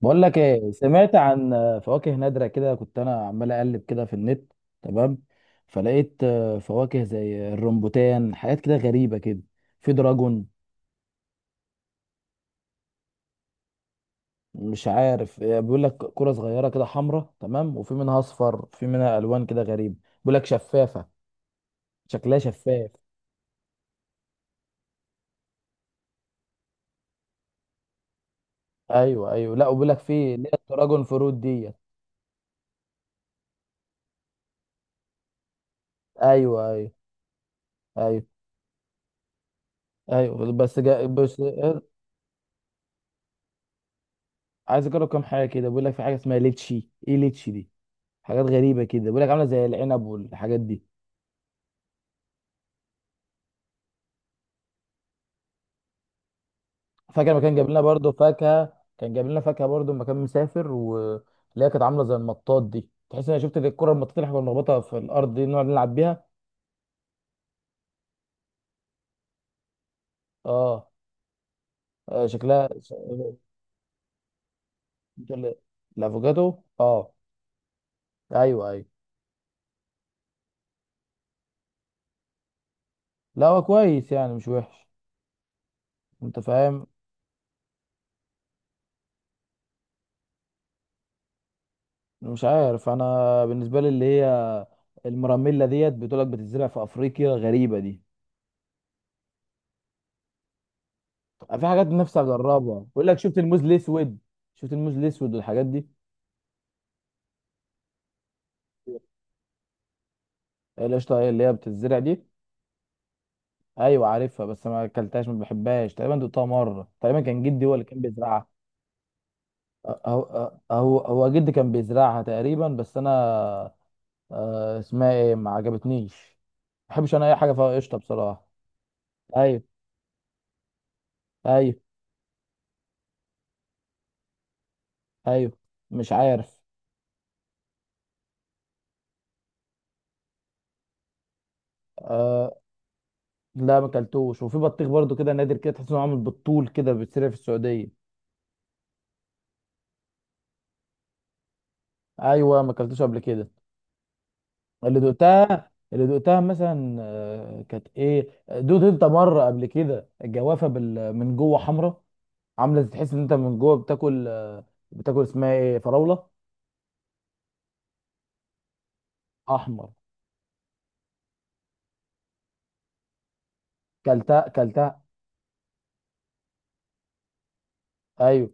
بقول لك ايه، سمعت عن فواكه نادرة كده. كنت انا عمال اقلب كده في النت. تمام. فلقيت فواكه زي الرمبوتان، حاجات كده غريبة كده. في دراجون. مش عارف، بيقول لك كرة صغيرة كده حمراء. تمام، وفي منها اصفر، في منها الوان كده غريبة. بيقول لك شفافة، شكلها شفاف. ايوه ايوه، لا وبيقول لك في اللي هي الدراجون فروت ديت. ايوه ايوه. ايوه ايوه بس جا بس عايز اجرب كام حاجة كده. بيقول لك في حاجة اسمها ليتشي. ايه ليتشي دي؟ حاجات غريبه كده، بيقول لك عامله زي العنب والحاجات دي. فاكر لما كان جايب لنا برضه فاكهه، كان جايب لنا فاكهه برضه لما كان مسافر، واللي هي كانت عامله زي المطاط دي. تحس ان انا شفت الكره المطاط اللي احنا كنا بنخبطها في الارض دي نقعد نلعب بيها. اه. شكلها شكل- الافوكادو اه. ايوه ايوه. لا هو كويس يعني، مش وحش. انت فاهم. مش عارف، انا بالنسبه لي اللي هي المراميلا ديت، بتقول لك بتزرع في افريقيا، غريبه دي. في حاجات نفسي اجربها، بيقول لك شفت الموز الاسود. شفت الموز الاسود والحاجات دي. القشطه هي اللي هي بتتزرع دي. ايوه عارفها، بس ما اكلتهاش، ما بحبهاش تقريبا. دقتها مره تقريبا، كان جدي هو اللي كان بيزرعها. هو هو جدي كان بيزرعها تقريبا. بس انا اسمها ايه، ما عجبتنيش. ما بحبش انا اي حاجه فيها قشطه بصراحه. ايوه ايوه ايوه. مش عارف. أه، لا ما اكلتوش. وفي بطيخ برضو كده نادر كده، تحس انه عامل بالطول كده، بيتسرع في السعوديه. ايوه ما اكلتوش قبل كده. اللي دقتها مثلا كانت ايه دوت انت مره قبل كده، الجوافه من جوه حمراء. تحس ان انت من جوه بتاكل، بتاكل اسمها ايه، فراوله. احمر. كلتها كلتها. ايوه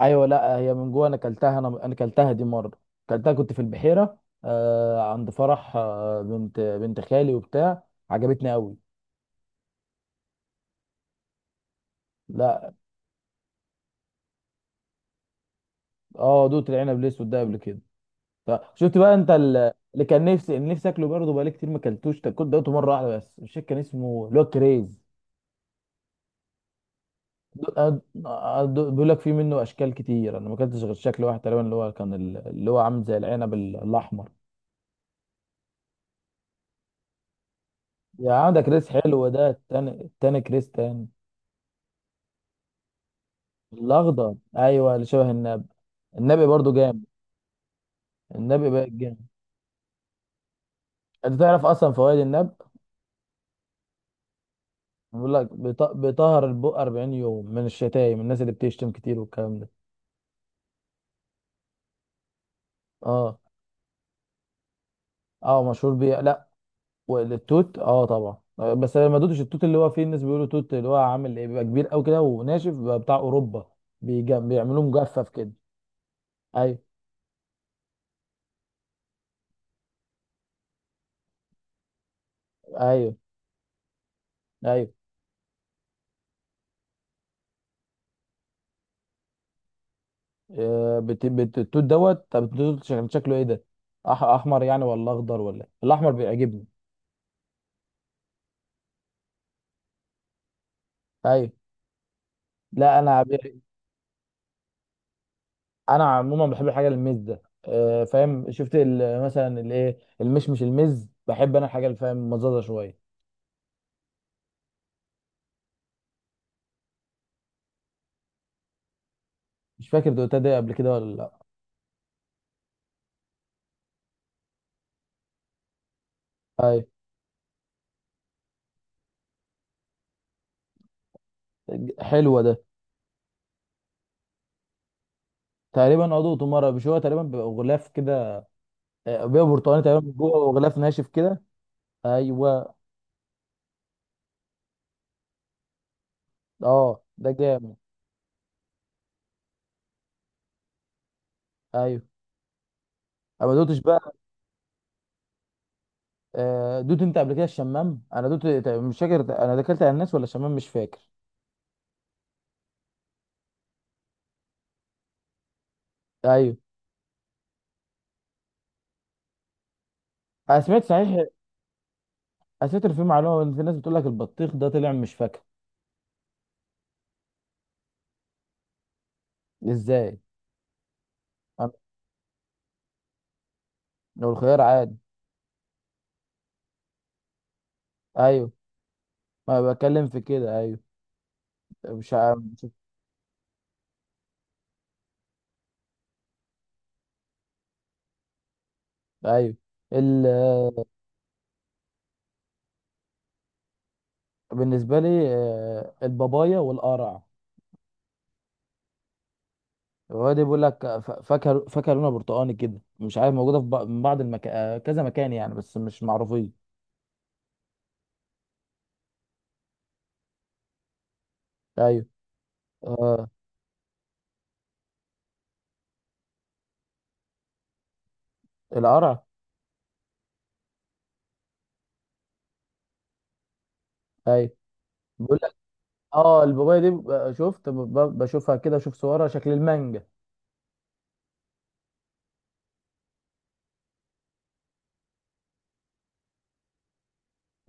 ايوه، لا هي من جوه انا كلتها، انا كلتها دي مره. كلتها كنت في البحيره، عند فرح بنت خالي وبتاع. عجبتني قوي. لا. اه دوت العنب الاسود ده قبل كده. فشفت بقى انت اللي كان نفسي، اللي نفسي اكله برضه بقالي كتير ما اكلتوش ده. كنت دقته مره واحده بس، مش فاكر كان اسمه اللي هو الكريز. بيقول لك في منه اشكال كتير. انا ما اكلتش غير شكل واحد تقريبا، اللي هو كان اللي هو عامل زي العنب الاحمر. يا عم ده كريز حلو، ده التاني، كريز تاني. الاخضر ايوه، اللي شبه النب. النبي برضه جامد. النبي بقى جامد. انت تعرف اصلا فوائد النب؟ بيقول لك بيطهر البق 40 يوم من الشتايم، الناس اللي بتشتم كتير والكلام ده. اه. اه مشهور بيه، لا. والتوت اه طبعا، بس انا ما دوتش التوت اللي هو فيه، الناس بيقولوا توت اللي هو عامل ايه، بيبقى كبير قوي كده وناشف، بيبقى بتاع اوروبا. بيعملوه مجفف كده. ايوه ايوه. ايوه آه التوت دوت. طب التوت شكله ايه ده؟ احمر يعني، ولا اخضر، ولا إيه؟ الاحمر بيعجبني. ايوه. لا انا عموما بحب الحاجه المزه. آه فاهم؟ شفت مثلا الايه، المشمش المز، بحب انا الحاجه اللي فاهم مزازه شويه. مش فاكر دوتها دي قبل كده ولا لا. ايوه. حلوه ده. تقريبا عضو مرة، مش هو تقريبا بيبقى غلاف كده، بيبقى برتقاني تقريبا من جوه وغلاف ناشف كده. ايوه. اه ده جامد. ايوه انا ما دوتش بقى. دوت انت قبل كده الشمام؟ انا دوت، مش فاكر انا دخلت على الناس، ولا الشمام مش فاكر. ايوه انا سمعت صحيح. انا سمعت إن في معلومه، ان في ناس بتقول لك البطيخ ده طلع مش فاكهه. ازاي؟ أنا- لو الخيار عادي. ايوه ما بتكلم في كده. ايوه مش عارف. ايوه ال... بالنسبه لي البابايا والقرع. هو ده بيقول لك فاكهه، فاكهه لونها برتقاني كده، مش عارف موجوده في من بعض المكان، كذا مكان يعني، بس مش معروفين. ايوه. آه القرع. ايوه بيقول لك. اه البابايا دي شفت بشوفها كده، بشوف صورها شكل المانجا.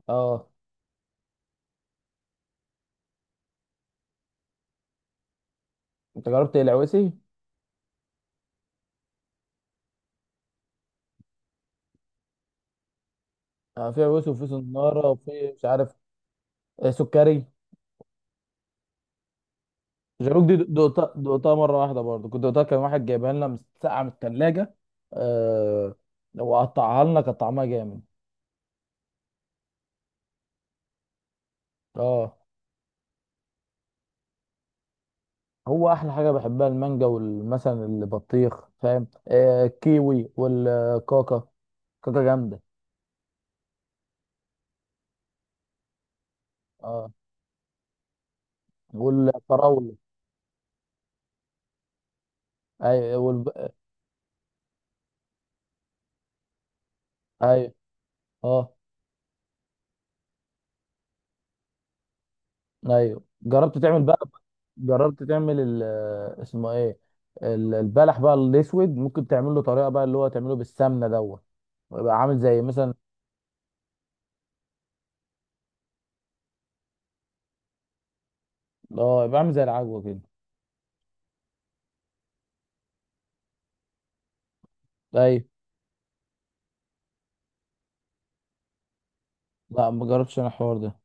اه انت جربت العويسي؟ في عويسي وفي صناره، وفي مش عارف، آه سكري. جاروك دي دقتها، مره واحده برضه. كنت دقتها، كان واحد جايبها لنا ساقعه من الثلاجه. آه. وقطعها لنا، كان طعمها جامد. اه. هو احلى حاجه بحبها المانجا، والمثلا البطيخ فاهم، آه الكيوي والكاكا. كاكا جامده. اه والفراوله. اي والب... اي اه. ايوه جربت تعمل بقى؟ جربت تعمل اسمه ايه، البلح بقى الاسود، ممكن تعمل له طريقه بقى اللي هو تعمله بالسمنه دوت، يبقى عامل زي مثلا. اه يبقى عامل زي العجوه كده. ايوه. لا ما جربتش انا الحوار ده.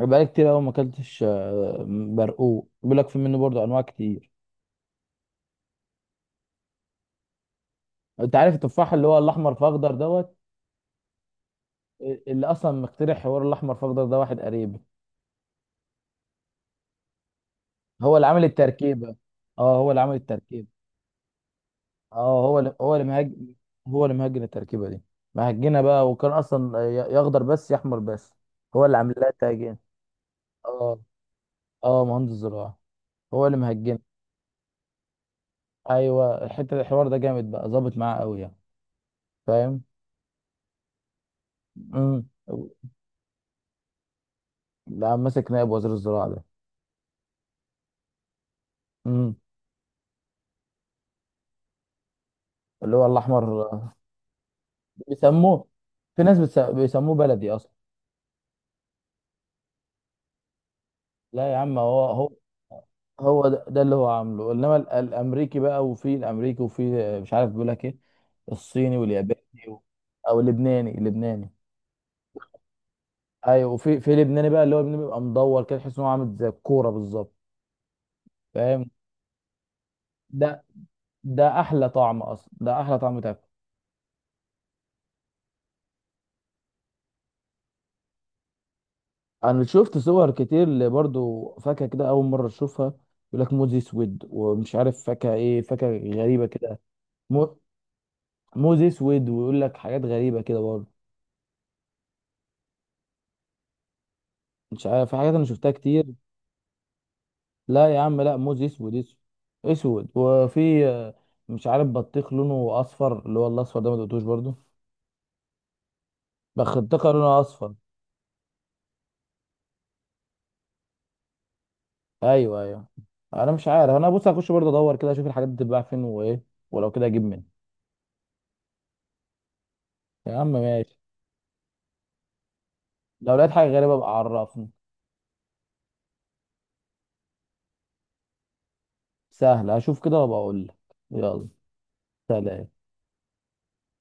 بقالي كتير قوي ما اكلتش، برقوق بيقول لك في منه برضه انواع كتير. انت عارف التفاح اللي هو الاحمر في اخضر دوت؟ اللي اصلا مخترع حوار الاحمر في اخضر ده، واحد قريبي. هو اللي عامل التركيبه. اه هو اللي عامل التركيبه. اه هو اللي مهاجم. هو اللي مهاجم التركيبه دي، مهجنه بقى. وكان اصلا يا اخضر بس يا احمر بس، هو اللي عامل لها تهجين. اه. اه مهندس زراعه، هو اللي مهجنه. ايوه الحته، الحوار ده جامد بقى، ظابط معاه قوي يعني. فاهم. امم. اللي عم ماسك نائب وزير الزراعه ده. امم. اللي هو الاحمر بيسموه، في ناس بيسموه بلدي اصلا. لا يا عم هو هو، هو ده, ده اللي هو عامله. انما الامريكي بقى، وفي الامريكي وفي مش عارف بيقول لك ايه، الصيني والياباني او اللبناني، اللبناني. ايوه وفي، في لبناني بقى، اللي هو اللبناني بيبقى مدور كده، تحس ان هو عامل زي الكوره بالظبط. فاهم. ده ده احلى طعم، اصلا ده احلى طعم تاكل. انا شفت صور كتير، اللي برضو فاكهه كده اول مره اشوفها. يقول لك موز اسود، ومش عارف فاكهه ايه، فاكهه غريبه كده. موز اسود، ويقول لك حاجات غريبه كده برضه. مش عارف، في حاجات انا شفتها كتير. لا يا عم، لا موز اسود اسود. اسود. وفي مش عارف، بطيخ لونه اصفر، اللي هو الاصفر ده ما دقتوش برضه، بخنتقه لونه اصفر. ايوه ايوه. انا مش عارف، انا بص هخش برضه ادور كده، اشوف الحاجات دي بتتباع فين وايه، ولو كده اجيب منها. يا عم ماشي. لو لقيت حاجه غريبه ابقى عرفني. سهله اشوف كده وابقى اقول لك. يلا. سلام.